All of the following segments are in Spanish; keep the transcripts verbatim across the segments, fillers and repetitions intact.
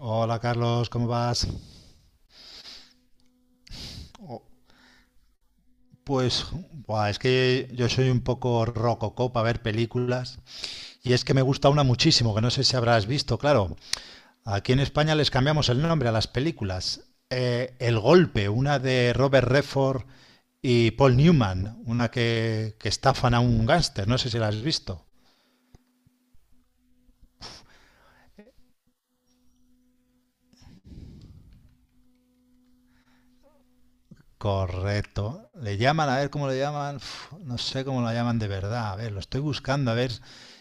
Hola Carlos, ¿cómo vas? O- Pues buah, es que yo soy un poco rococó para ver películas y es que me gusta una muchísimo, que no sé si habrás visto, claro. Aquí en España les cambiamos el nombre a las películas. Eh, El Golpe, una de Robert Redford y Paul Newman, una que, que estafan a un gángster, no sé si la has visto. Correcto. Le llaman, a ver cómo le llaman, uf, no sé cómo la llaman de verdad, a ver, lo estoy buscando, a ver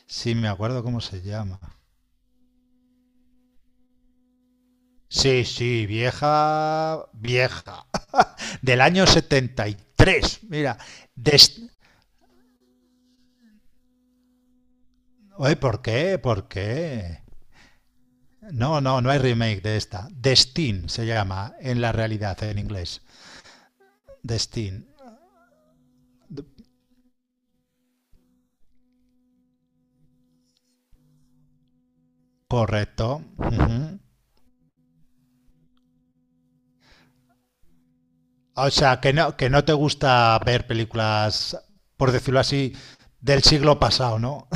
si me acuerdo cómo se llama. Sí, sí, vieja, vieja. Del año setenta y tres. Mira, Des- Oye, ¿por qué? ¿Por qué? No, no, no hay remake de esta. Destin se llama en la realidad en inglés. Destin. D- Correcto. Ujú. O sea, que no, que no te gusta ver películas, por decirlo así, del siglo pasado, ¿no?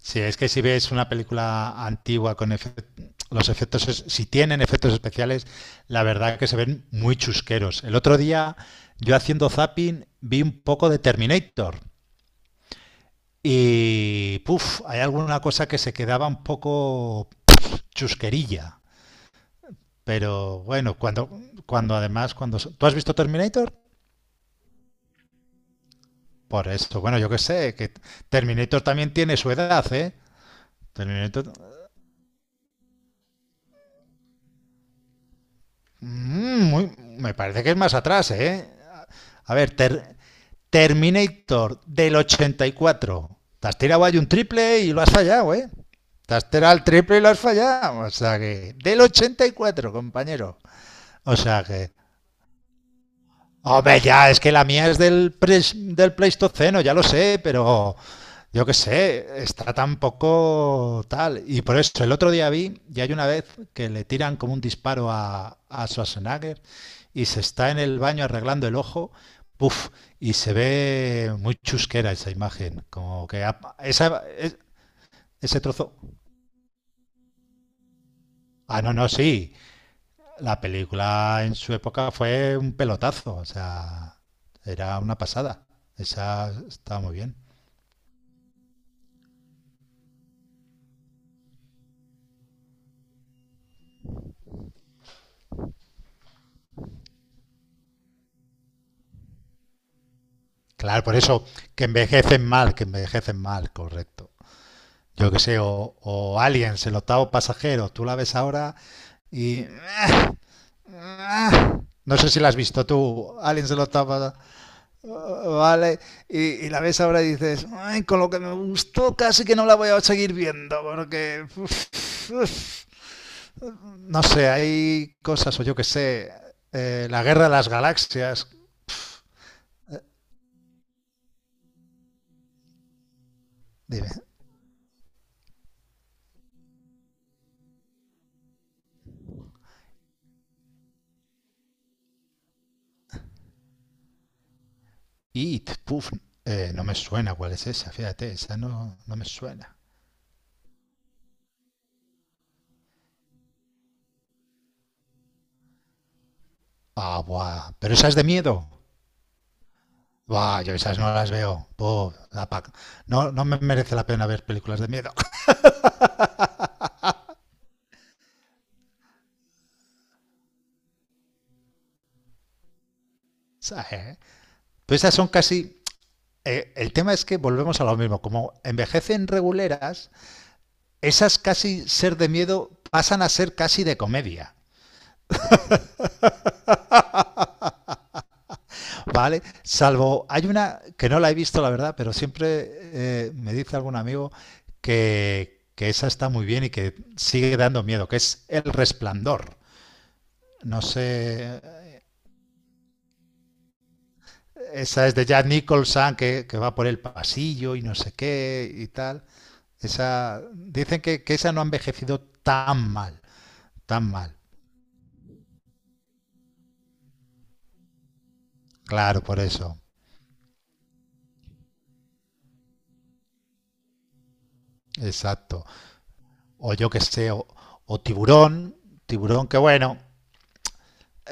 Sí, es que si ves una película antigua con efect- los efectos, es- si tienen efectos especiales, la verdad que se ven muy chusqueros. El otro día, yo haciendo zapping, vi un poco de Terminator y, puf, hay alguna cosa que se quedaba un poco chusquerilla. Pero bueno, cuando, cuando además, cuando... so- ¿Tú has visto Terminator? Por esto, bueno, yo qué sé, que Terminator también tiene su edad, ¿eh? Terminator... Mm, muy- me parece que es más atrás, ¿eh? A ver, Ter- Terminator del ochenta y cuatro. Te has tirado ahí un triple y lo has fallado, ¿eh? Te has tirado el triple y lo has fallado. O sea que... Del ochenta y cuatro, compañero. O sea que... Hombre, ya, es que la mía es del, pres- del Pleistoceno, ya lo sé, pero yo qué sé, está tan poco tal. Y por eso, el otro día vi, y hay una vez que le tiran como un disparo a, a Schwarzenegger y se está en el baño arreglando el ojo, puff, y se ve muy chusquera esa imagen, como que ha- esa, es- ese trozo. Ah, no, no, sí. La película en su época fue un pelotazo, o sea, era una pasada. Esa estaba muy bien. Claro, por eso, que envejecen mal, que envejecen mal, correcto. Yo que sé, o, o Aliens, el octavo pasajero, tú la ves ahora y... ah, No sé si la has visto tú, Aliens, el octavo pasajero, vale, y, y la ves ahora y dices: "Ay, con lo que me gustó casi que no la voy a seguir viendo, porque... uf, uf". No sé, hay cosas, o yo qué sé, eh, la guerra de las galaxias. Dime. It, puf, eh, no me suena cuál es esa, fíjate, esa no, no me suena. Ah, buah, pero esa es de miedo. Buah, yo esas no las veo. Buh, la pa- No, no me merece la pena ver películas de miedo. ¿Sabes? Pues esas son casi... eh, el tema es que volvemos a lo mismo, como envejecen reguleras, esas casi ser de miedo pasan a ser casi de comedia. Vale, salvo hay una que no la he visto, la verdad, pero siempre eh, me dice algún amigo que, que esa está muy bien y que sigue dando miedo, que es El Resplandor. No sé, esa es de Jack Nicholson que, que va por el pasillo y no sé qué y tal. Esa, dicen que, que esa no ha envejecido tan mal, tan mal. Claro, por eso. Exacto. O yo que sé, o, o tiburón, tiburón que bueno,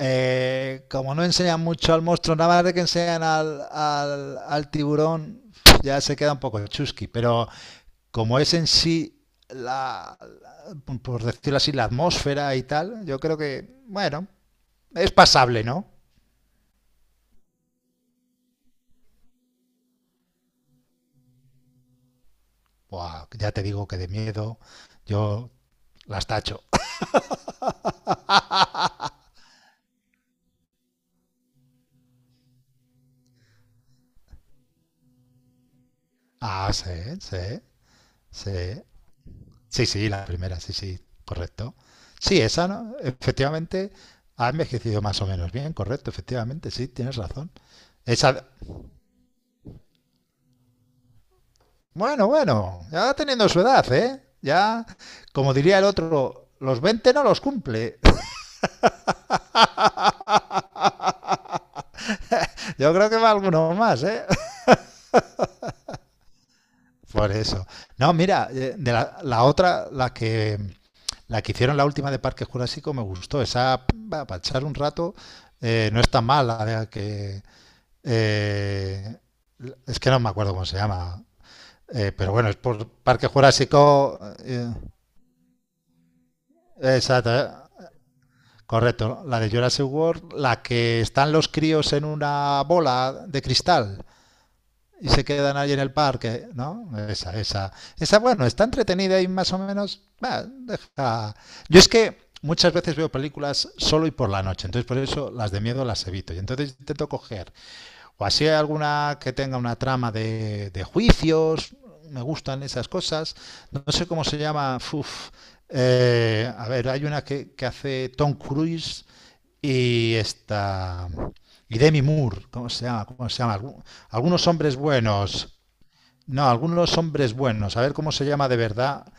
Eh, como no enseñan mucho al monstruo, nada más de que enseñan al, al, al tiburón, ya se queda un poco chusqui. Pero como es en sí, la, la- por decirlo así, la atmósfera y tal, yo creo que, bueno, es pasable, ¿no? Buah, ya te digo que de miedo yo las tacho. Ah, sí, sí, sí. Sí, sí, la primera, sí, sí, correcto. Sí, esa, ¿no? Efectivamente, ha envejecido más o menos bien, correcto, efectivamente, sí, tienes razón. Esa, bueno, bueno, ya va teniendo su edad, ¿eh? Ya, como diría el otro, los veinte no los cumple. Yo creo que va alguno más, ¿eh? Por eso. No, mira, eh, de la, la otra, la que, la que hicieron la última de Parque Jurásico me gustó. Esa, para echar un rato, eh, no está mal, la de que eh, es que no me acuerdo cómo se llama, eh, pero bueno, es por Parque Jurásico, eh, eh, exacto, eh, correcto, ¿no? La de Jurassic World, la que están los críos en una bola de cristal y se quedan ahí en el parque, ¿no? Esa, esa, esa, bueno, está entretenida y más o menos, bah, deja. Yo es que muchas veces veo películas solo y por la noche, entonces por eso las de miedo las evito. Y entonces intento coger o así hay alguna que tenga una trama de, de juicios. Me gustan esas cosas. No sé cómo se llama. Uf. Eh, a ver, hay una que, que hace Tom Cruise y esta. Y Demi Moore. ¿Cómo se llama? ¿Cómo se llama? Algu- Algunos hombres buenos. No, algunos hombres buenos. A ver cómo se llama de verdad.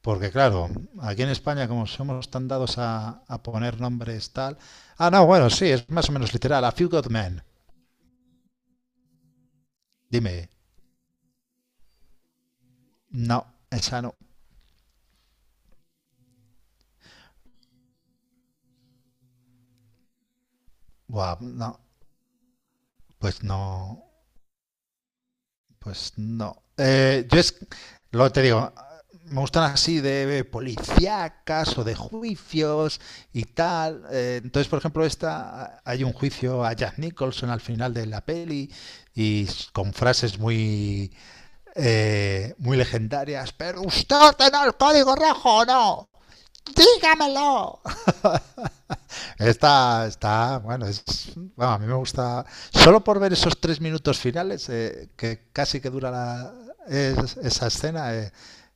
Porque claro, aquí en España, como somos tan dados a, a poner nombres tal. Ah, no, bueno, sí, es más o menos literal. A Few Good Men. Dime. No, esa no. Buah, no, pues no, pues no. Eh, yo es, lo te digo, me gustan así de policíacas o de juicios y tal. Eh, entonces, por ejemplo, esta hay un juicio a Jack Nicholson al final de la peli y s- con frases muy eh, muy legendarias. Pero usted tiene el código rojo, o ¿no? Dígamelo. Está, está, bueno, es, bueno, a mí me gusta. Solo por ver esos tres minutos finales, eh, que casi que dura la, es- esa escena, eh,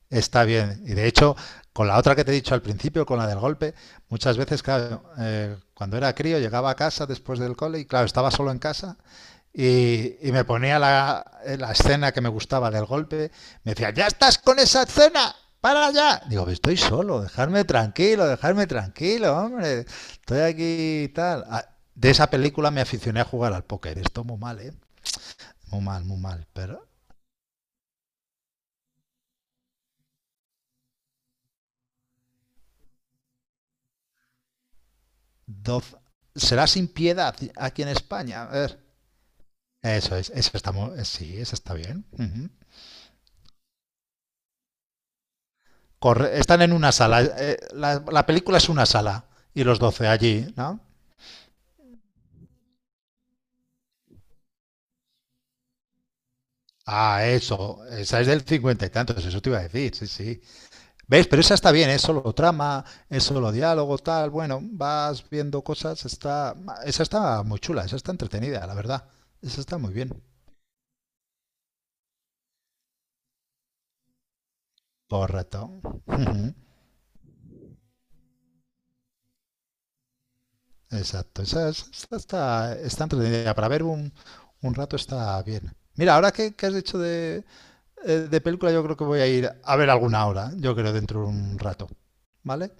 está bien. Y de hecho, con la otra que te he dicho al principio, con la del golpe, muchas veces, claro, eh, cuando era crío llegaba a casa después del cole y, claro, estaba solo en casa. Y, y me ponía la, eh, la escena que me gustaba del golpe. Me decía, ya estás con esa escena, para ya. Digo, estoy solo, dejarme tranquilo, dejarme tranquilo, hombre. Estoy aquí y tal. Ah, de esa película me aficioné a jugar al póker. Esto muy mal, ¿eh? Muy mal, muy mal. Pero doce, será sin piedad aquí en España. A ver. Eso es, eso está mu- eh, sí, eso está bien. Ujú. Corre- están en una sala. eh, la, la película es una sala y los doce allí, ¿no? Ah, eso. Esa es del cincuenta y tantos, eso te iba a decir, sí, sí. Veis, pero esa está bien, es solo trama, es solo diálogo, tal. Bueno, vas viendo cosas. Está... Esa está muy chula, esa está entretenida, la verdad. Esa está muy bien. Correcto. Ujú, exacto. Esa, esa está, está entretenida. Para ver un, un rato está bien. Mira, ahora que, que has dicho de, eh, de película, yo creo que voy a ir a ver alguna ahora. Yo creo dentro de un rato. ¿Vale?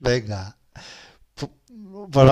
Venga. Fu- Pues